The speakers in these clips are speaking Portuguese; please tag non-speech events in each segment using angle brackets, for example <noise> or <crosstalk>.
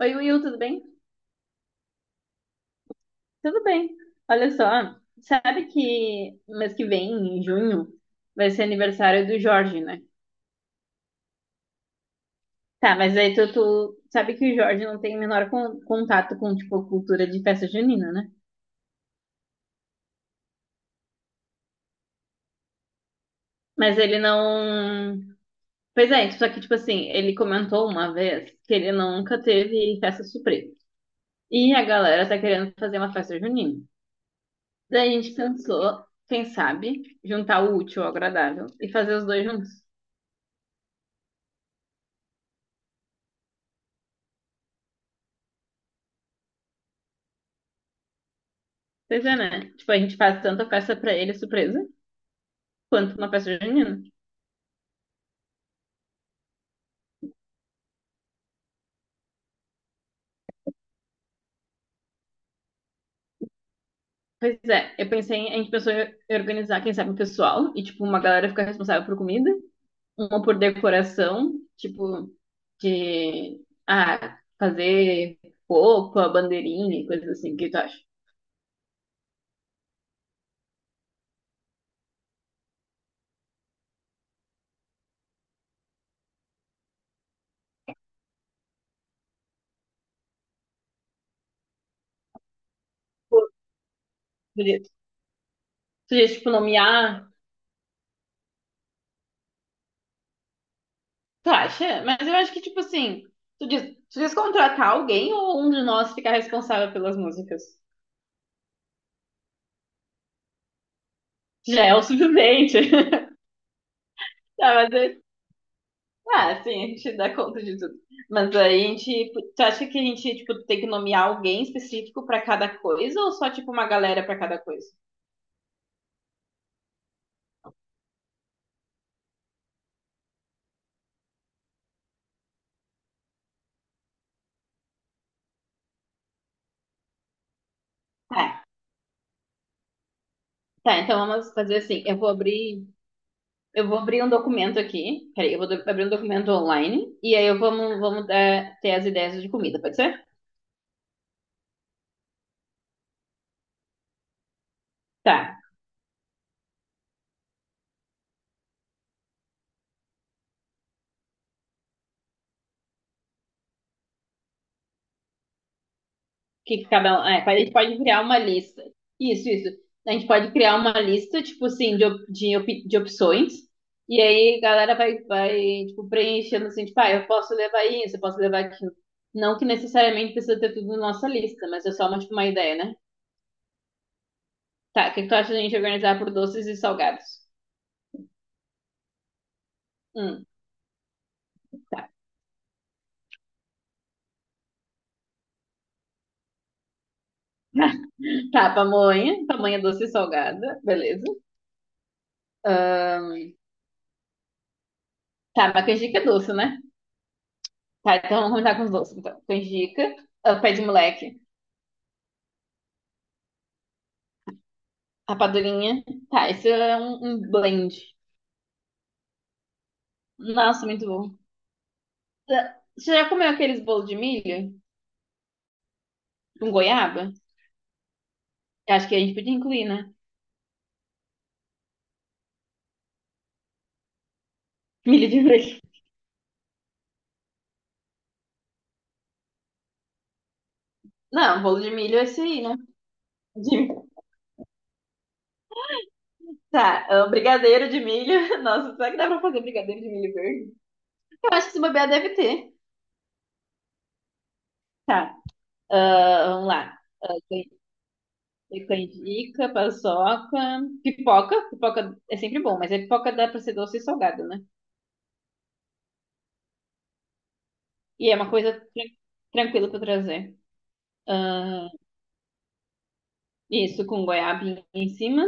Oi, Will, tudo bem? Tudo bem. Olha só, sabe que mês que vem, em junho, vai ser aniversário do Jorge, né? Tá, mas aí tu sabe que o Jorge não tem o menor contato com, tipo, cultura de festa junina, né? Mas ele não... Pois é, só que, tipo assim, ele comentou uma vez que ele nunca teve festa surpresa. E a galera tá querendo fazer uma festa junina. Daí a gente pensou, quem sabe, juntar o útil ao agradável e fazer os dois juntos. Pois é, né? Tipo, a gente faz tanto a festa pra ele surpresa, quanto uma festa junina. Pois é, eu pensei, a gente pensou em organizar, quem sabe, o pessoal, e tipo, uma galera ficar responsável por comida, uma por decoração, tipo, de fazer roupa, bandeirinha e coisas assim, o que tu acha? Pô, tu diz, tu diz, tipo, nomear, tu acha? Mas eu acho que, tipo assim, tu diz, tu diz contratar alguém ou um de nós ficar responsável pelas músicas? Já é o suficiente. <laughs> Tá, mas eu- Ah, sim, a gente dá conta de tudo. Mas aí a gente. Tu acha que a gente, tipo, tem que nomear alguém específico pra cada coisa ou só, tipo, uma galera pra cada coisa? Tá, tá, então vamos fazer assim. Eu vou abrir. Eu vou abrir um documento aqui. Peraí, eu vou abrir um documento online. E aí eu vamos dar, ter as ideias de comida, pode ser? Tá. Que cada um. É, a gente pode criar uma lista. Isso, isso. A gente pode criar uma lista, tipo assim, de, de opções. E aí a galera vai, tipo, preenchendo assim, tipo, ah, eu posso levar isso, eu posso levar aquilo. Não que necessariamente precisa ter tudo na nossa lista, mas é só uma, tipo, uma ideia, né? Tá, o que que tu acha da gente organizar por doces e salgados? Hum, tá. <laughs> Tá, pamonha, pamonha doce e salgada, beleza. Ah, tá, mas canjica é doce, né? Tá, então vamos começar com os doces, então. Canjica, ah, pé de moleque. Rapadurinha. Tá, esse é um, um blend. Nossa, muito bom. Tá, você já comeu aqueles bolos de milho com goiaba? Eu acho que a gente podia incluir, né? Milho de milho. Não, bolo de milho é esse aí, né? De- Tá, ah, brigadeiro de milho. <laughs> Nossa, será que dá pra fazer brigadeiro de milho verde? Eu acho que se bobear deve ter. Tá, ah, vamos lá. Ah, can- Canjica, paçoca, pipoca. Pipoca é sempre bom, mas a pipoca dá pra ser doce e salgada, né? E é uma coisa tranquila pra trazer. Ah, isso, com goiabinha em cima.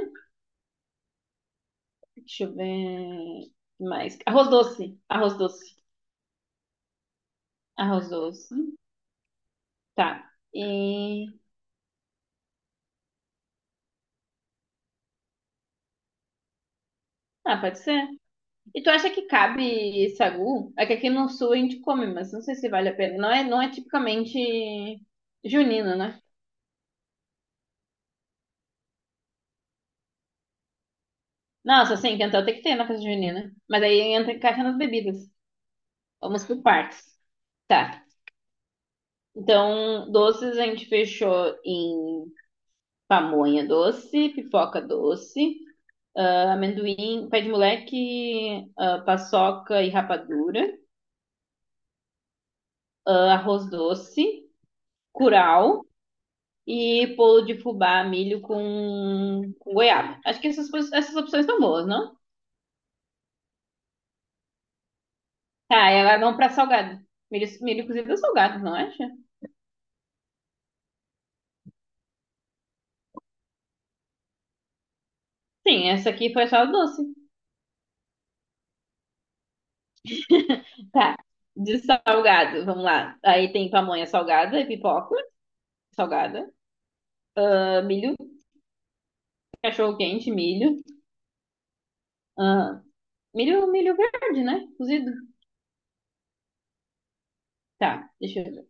Deixa eu ver mais. Arroz doce. Arroz doce. Arroz doce. Tá. E. Ah, pode ser. E tu acha que cabe sagu? É que aqui no sul a gente come, mas não sei se vale a pena. Não é tipicamente junino, né? Nossa, sim, então tem que ter na festa junina. Mas aí entra caixa nas bebidas. Vamos por partes. Tá. Então, doces a gente fechou em pamonha doce, pipoca doce, amendoim, pé de moleque, ah, paçoca e rapadura, ah, arroz doce, curau e bolo de fubá, milho com goiaba. Acho que essas, essas opções estão boas, não? Tá, e agora vamos pra salgado. Milho, milho cozido é salgado, não acha? Sim, essa aqui foi só doce. Tá, de salgado, vamos lá. Aí tem pamonha salgada e pipoca salgada, ah, milho, cachorro quente, milho, ah, milho, milho verde, né? Cozido. Tá, deixa eu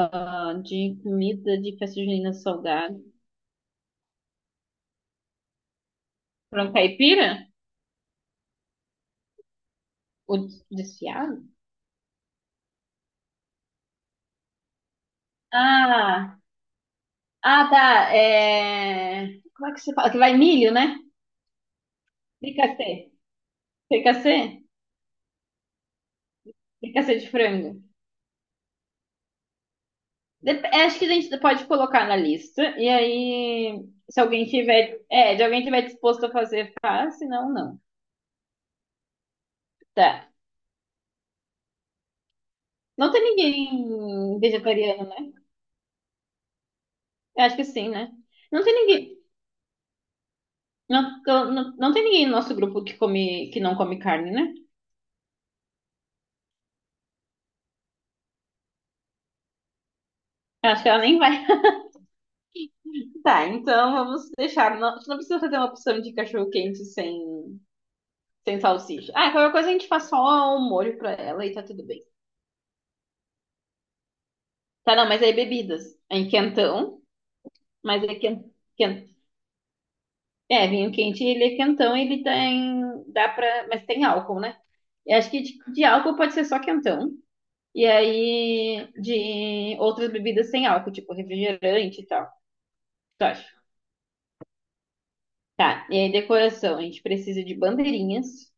ah, de comida de festa junina salgado. Frango caipira? O desfiado? Ah, ah, tá. É... Como é que você fala? Que vai milho, né? Fricassê. Fricassê? Fricassê de frango. É, acho que a gente pode colocar na lista. E aí, se alguém tiver, é, se alguém tiver disposto a fazer, faz, se não, não. Tá. Não tem ninguém vegetariano, né? Eu acho que sim, né? Não tem ninguém. Não, não tem ninguém no nosso grupo que não come carne, né? Eu acho que ela nem vai. <laughs> Tá, então vamos deixar. Não, a gente não precisa fazer uma opção de cachorro quente sem salsicha. Ah, qualquer coisa a gente faz só um molho pra ela e tá tudo bem. Tá, não, mas aí bebidas. É em quentão, mas é quentão. É, vinho quente, ele é quentão, ele tem. Dá pra. Mas tem álcool, né? Eu acho que de álcool pode ser só quentão. E aí, de outras bebidas sem álcool, tipo refrigerante e tal. Tá. Tá, e aí decoração, a gente precisa de bandeirinhas.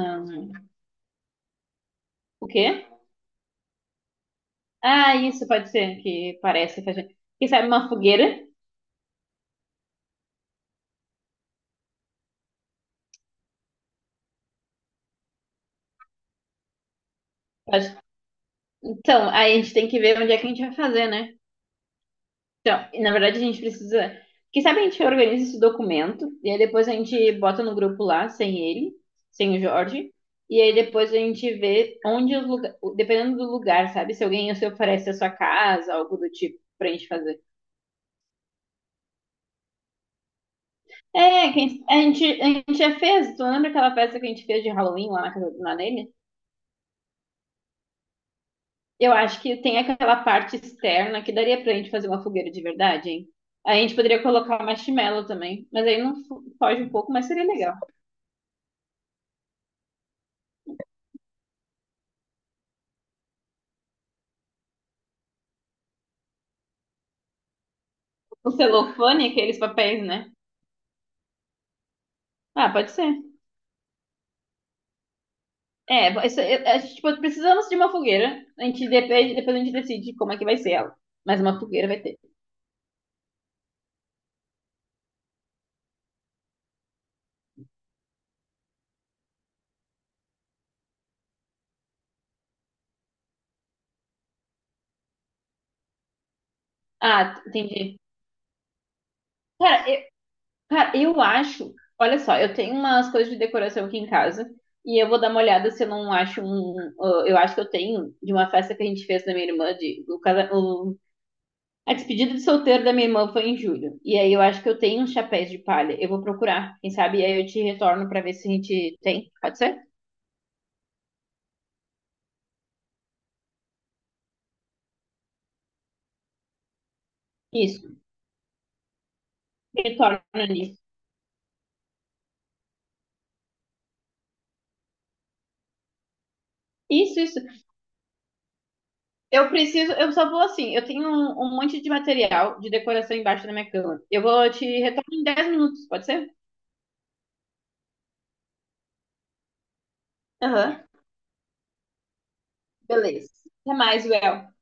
Ahn, o quê? Ah, isso pode ser que parece que a gente... Que sabe uma fogueira? Pode- Então, aí a gente tem que ver onde é que a gente vai fazer, né? Então, e na verdade a gente precisa... Que sabe a gente organiza esse documento e aí depois a gente bota no grupo lá, sem ele, sem o Jorge. E aí depois a gente vê onde os lugares... Dependendo do lugar, sabe? Se alguém se oferece a sua casa, algo do tipo, pra gente fazer. É, a gente já fez. Tu lembra aquela festa que a gente fez de Halloween lá na casa do Nanene? Eu acho que tem aquela parte externa que daria pra gente fazer uma fogueira de verdade, hein? Aí a gente poderia colocar marshmallow também. Mas aí não foge um pouco, mas seria legal. O celofane, aqueles papéis, né? Ah, pode ser. É, a gente, tipo, precisamos de uma fogueira. A gente depende, depois a gente decide como é que vai ser ela. Mas uma fogueira vai ter. Ah, entendi. Cara, Cara, eu acho. Olha só, eu tenho umas coisas de decoração aqui em casa e eu vou dar uma olhada se eu não acho um. Eu acho que eu tenho de uma festa que a gente fez da minha irmã, de, o, casa- o- a despedida de solteiro da minha irmã foi em julho. E aí eu acho que eu tenho uns chapéus de palha. Eu vou procurar, quem sabe? E aí eu te retorno pra ver se a gente tem. Pode ser? Isso. Retorno nisso. Isso, isso. Eu preciso, eu só vou assim, eu tenho um, um monte de material de decoração embaixo da minha cama. Eu vou te retorno em 10 minutos, pode ser? Aham. Beleza. Até mais, Well.